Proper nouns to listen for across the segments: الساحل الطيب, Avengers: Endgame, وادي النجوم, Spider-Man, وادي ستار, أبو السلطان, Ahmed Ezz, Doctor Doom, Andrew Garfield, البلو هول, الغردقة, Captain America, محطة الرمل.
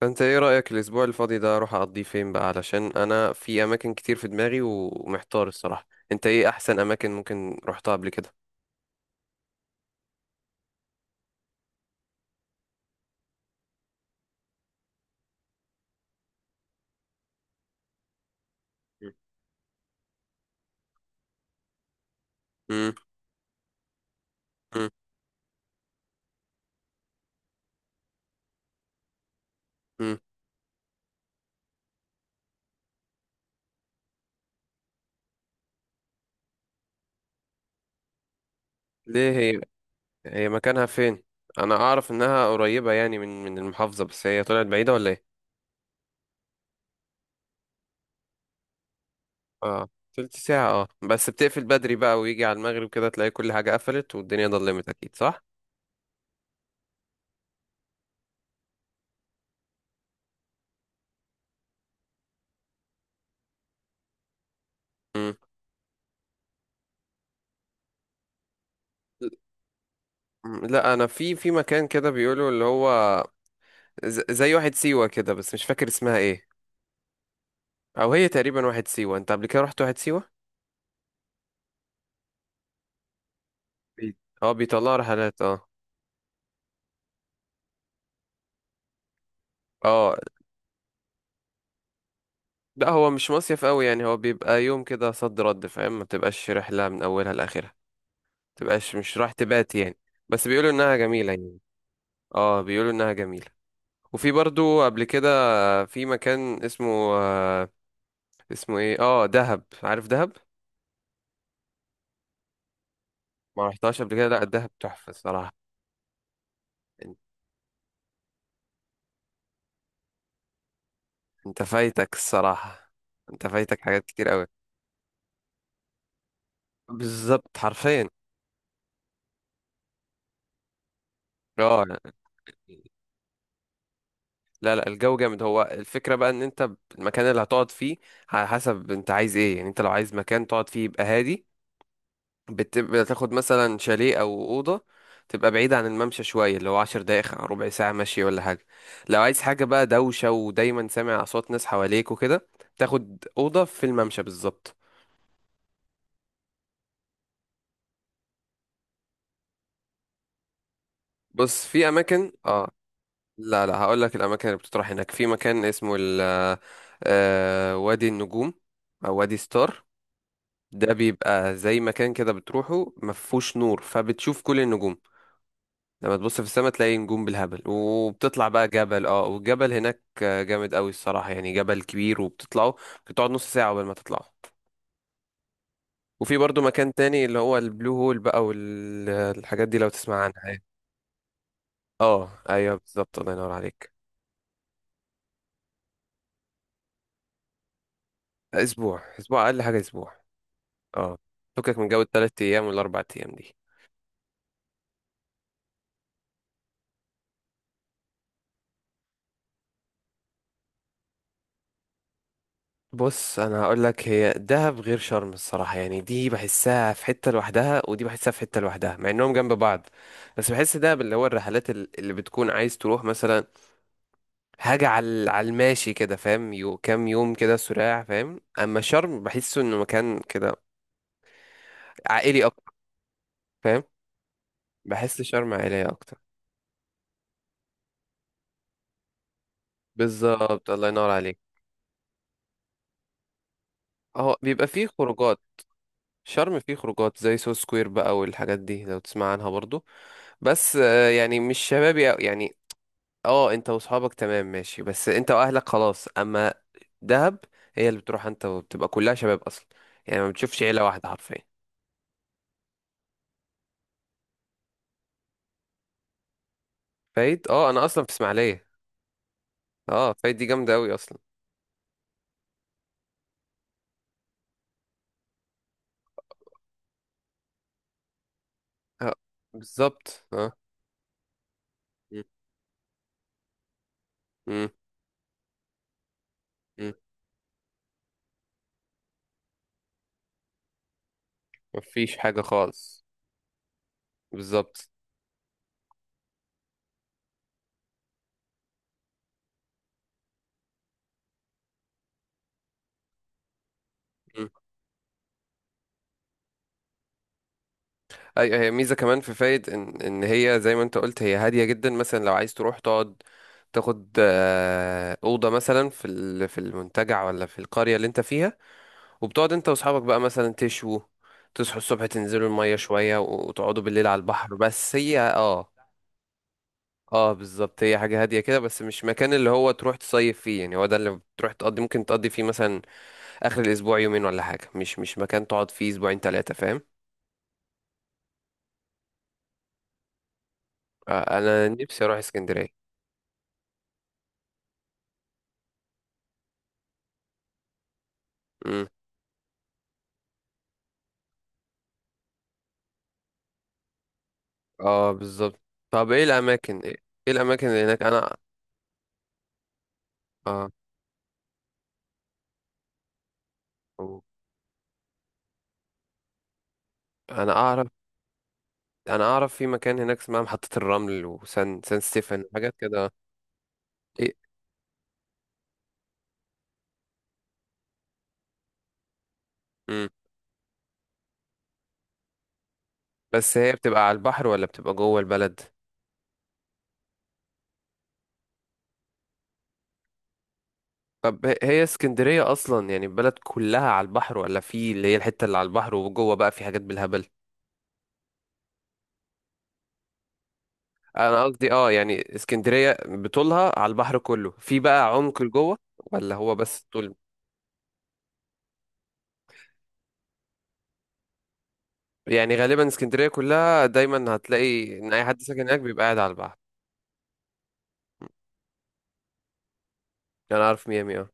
فانت ايه رأيك الاسبوع الفاضي ده اروح اقضيه فين بقى؟ علشان انا في اماكن كتير في دماغي ومحتار الصراحة. انت ايه احسن اماكن ممكن رحتها قبل كده؟ مم. مم. مم. ليه؟ هي هي مكانها فين؟ انا اعرف انها قريبة يعني من المحافظة، بس هي طلعت بعيدة ولا ايه؟ اه، تلت ساعة. اه بس بتقفل بدري بقى، ويجي على المغرب كده تلاقي كل حاجة قفلت والدنيا ضلمت، اكيد صح. مم. مم. لا انا في مكان كده بيقولوا اللي هو زي واحد سيوة كده، بس مش فاكر اسمها ايه. او هي تقريبا واحد سيوه. انت قبل كده رحت واحد سيوه؟ بي- اه بيطلعوا رحلات، اه. اه، لا هو مش مصيف قوي، يعني هو بيبقى يوم كده صد رد، فاهم؟ ما تبقاش رحله من اولها لاخرها. تبقاش مش رايح تبات يعني. بس بيقولوا انها جميله يعني. اه بيقولوا انها جميله. وفي برضو قبل كده في مكان اسمه آه اسمه ايه؟ اه دهب، عارف دهب؟ ما رحتهاش قبل كده؟ لا دهب تحفه الصراحه. إن- انت فايتك الصراحه، انت فايتك حاجات كتير قوي. بالظبط حرفيا. اه يعني. لا لا الجو جامد. هو الفكرة بقى ان انت المكان اللي هتقعد فيه على حسب انت عايز ايه، يعني انت لو عايز مكان تقعد فيه يبقى هادي، بتبقى تاخد مثلا شاليه او اوضة تبقى بعيدة عن الممشى شوية، اللي هو 10 دقايق ربع ساعة مشي ولا حاجة. لو عايز حاجة بقى دوشة ودايما سامع اصوات ناس حواليك وكده، تاخد اوضة في الممشى بالظبط. بص في اماكن اه. لا لا هقول لك الاماكن اللي بتطرح هناك، في مكان اسمه ال آه، آه، وادي النجوم او وادي ستار. ده بيبقى زي مكان كده بتروحه مفهوش نور، فبتشوف كل النجوم. لما تبص في السماء تلاقي نجوم بالهبل. وبتطلع بقى جبل، اه، والجبل هناك جامد قوي الصراحة، يعني جبل كبير وبتطلعه، بتقعد نص ساعة قبل ما تطلعه. وفي برضو مكان تاني اللي هو البلو هول بقى، والحاجات دي لو تسمع عنها يعني. اه ايوه بالظبط الله ينور عليك. اسبوع، اسبوع اقل حاجة اسبوع. اه، فكك من جو ال3 ايام والاربع ايام دي. بص انا هقول لك، هي دهب غير شرم الصراحه، يعني دي بحسها في حته لوحدها ودي بحسها في حته لوحدها، مع انهم جنب بعض. بس بحس دهب اللي هو الرحلات اللي بتكون عايز تروح مثلا حاجه على الماشي كده، فاهم؟ يو كام يوم كده سراع، فاهم؟ اما شرم بحسه انه مكان كده عائلي اكتر. فاهم؟ بحس شرم عائليه اكتر. بالظبط الله ينور عليك. اهو بيبقى فيه خروجات. شرم فيه خروجات زي سو سكوير بقى، والحاجات دي لو تسمع عنها برضو. بس يعني مش شبابي أوي، يعني اه انت وصحابك تمام ماشي، بس انت واهلك خلاص. اما دهب، هي اللي بتروح انت وبتبقى كلها شباب اصلا، يعني ما بتشوفش عيله واحده حرفيا. فايد؟ اه انا اصلا في اسماعيليه. اه فايد دي جامده قوي اصلا. اه بالظبط اه. م- م- م. مفيش حاجه خالص. بالظبط. م. ايوه هي ميزه كمان في فايد ان ان هي زي ما انت قلت هي هاديه جدا، مثلا لو عايز تروح تقعد تاخد اوضه مثلا في في المنتجع ولا في القريه اللي انت فيها، وبتقعد انت واصحابك بقى مثلا تصحوا الصبح تنزلوا المية شوية وتقعدوا بالليل على البحر، بس هي اه. اه بالظبط، هي حاجة هادية كده بس مش مكان اللي هو تروح تصيف فيه، يعني هو ده اللي بتروح تقضي ممكن تقضي فيه مثلا آخر الأسبوع يومين ولا حاجة، مش مكان تقعد فيه أسبوعين تلاتة، فاهم؟ آه أنا نفسي أروح اسكندرية. مم. اه بالظبط. طب ايه الأماكن ايه الأماكن اللي هناك أنا اه أنا أعرف. أنا أعرف في مكان هناك اسمها محطة الرمل وسان سان ستيفن حاجات كده. ايه بس هي بتبقى على البحر ولا بتبقى جوه البلد؟ طب هي اسكندرية أصلا يعني البلد كلها على البحر، ولا في اللي هي الحتة اللي على البحر وجوه بقى في حاجات بالهبل؟ أنا قصدي اه يعني اسكندرية بطولها على البحر كله، في بقى عمق لجوه ولا هو بس طول؟ يعني غالبا اسكندرية كلها دايما هتلاقي إن أي حد ساكن هناك بيبقى قاعد على البحر. أنا أعرف ميامي اه.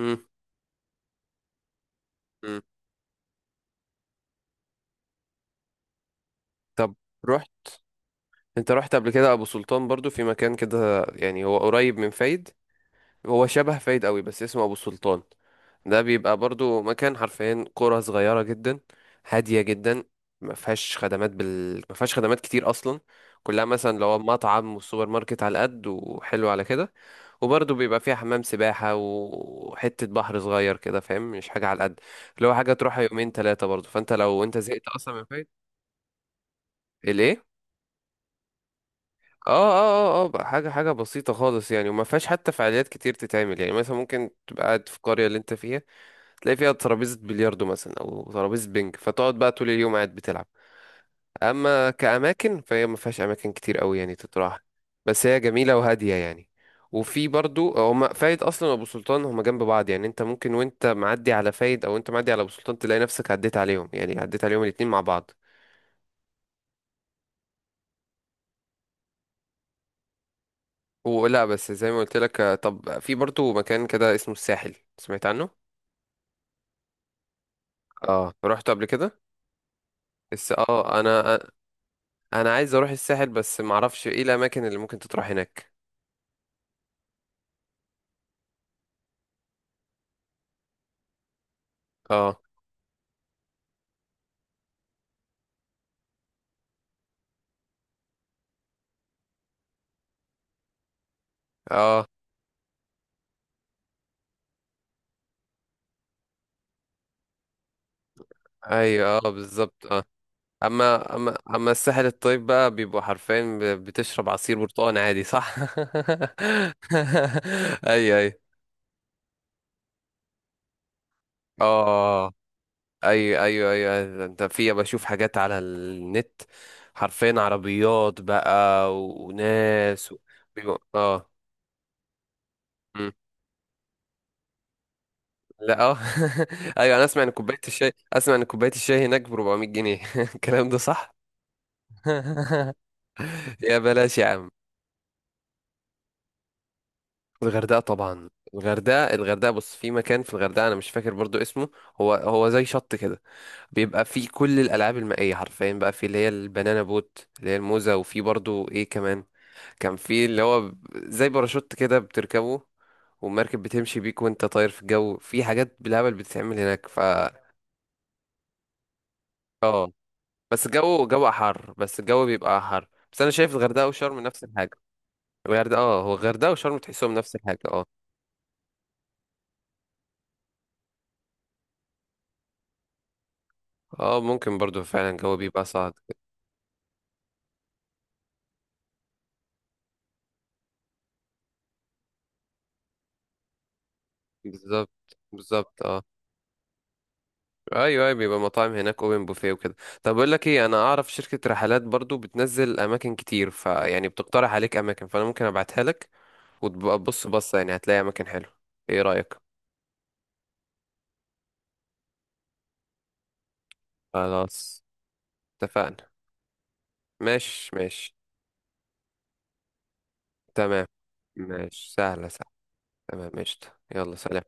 مم، مم. طب رحت، أنت رحت قبل كده أبو سلطان؟ برضو في مكان كده يعني هو قريب من فايد، هو شبه فايد قوي بس اسمه ابو السلطان. ده بيبقى برضو مكان حرفيا قرى صغيرة جدا، هادية جدا، ما فيهاش خدمات ما فيهاش خدمات كتير اصلا. كلها مثلا لو مطعم وسوبر ماركت على قد وحلو على كده. وبرضه بيبقى فيها حمام سباحة وحتة بحر صغير كده، فاهم؟ مش حاجة على قد اللي هو حاجة تروحها يومين ثلاثة برضه، فانت لو انت زهقت اصلا من فايد. الايه؟ اه اه اه اه، بقى حاجة حاجة بسيطة خالص يعني، وما فيهاش حتى فعاليات كتير تتعمل، يعني مثلا ممكن تبقى قاعد في القرية اللي انت فيها تلاقي فيها ترابيزة بلياردو مثلا أو ترابيزة بينج، فتقعد بقى طول اليوم قاعد بتلعب. أما كأماكن فهي ما فيهاش أماكن كتير أوي يعني تتراح، بس هي جميلة وهادية يعني. وفي برضو هما فايد أصلا وأبو سلطان هما جنب بعض، يعني أنت ممكن وأنت معدي على فايد أو أنت معدي على أبو سلطان تلاقي نفسك عديت عليهم، يعني عديت عليهم الاتنين مع بعض. ولا بس زي ما قلت لك. طب في برضو مكان كده اسمه الساحل، سمعت عنه؟ اه رحت قبل كده؟ بس اه انا انا عايز اروح الساحل، بس معرفش ايه الاماكن اللي ممكن تتراح هناك. اه. اه ايوه اه بالظبط اه. اما الساحل الطيب بقى بيبقوا حرفيا بتشرب عصير برتقال عادي، صح؟ ايوه ايوه. اه ايوه ايوه ايوه، انت في بشوف حاجات على النت، حرفيا عربيات بقى وناس و... اه. مم. لا اه. ايوه انا اسمع ان كوبايه الشاي، اسمع ان كوبايه الشاي هناك ب 400 جنيه. الكلام ده صح؟ يا بلاش يا عم. الغردقة طبعا. الغردقة الغردقة بص في مكان في الغردقة أنا مش فاكر برضو اسمه. هو هو زي شط كده، بيبقى فيه كل الألعاب المائية حرفيا، بقى فيه اللي هي البنانا بوت اللي هي الموزة، وفيه برضو إيه كمان، كان فيه اللي هو زي باراشوت كده بتركبه والمركب بتمشي بيك وأنت طاير في الجو، في حاجات بالهبل بتتعمل هناك ف... اه، بس الجو جو حر، بس الجو بيبقى حر، بس أنا شايف الغردقة وشرم نفس الحاجة. الغردقة اه، هو الغردقة وشرم تحسهم نفس الحاجة اه. اه ممكن برضو فعلا الجو بيبقى صعب. بالظبط بالظبط اه. ايوه ايوه بيبقى مطاعم هناك اوبن بوفيه وكده. طب اقول لك ايه، انا اعرف شركه رحلات برضو بتنزل اماكن كتير، فيعني بتقترح عليك اماكن، فانا ممكن ابعتها لك وتبقى تبص بصه، يعني هتلاقي اماكن حلوه. ايه رايك؟ خلاص اتفقنا. ماشي ماشي. تمام. ماشي سهله سهله. تمام ماشي. يلا سلام.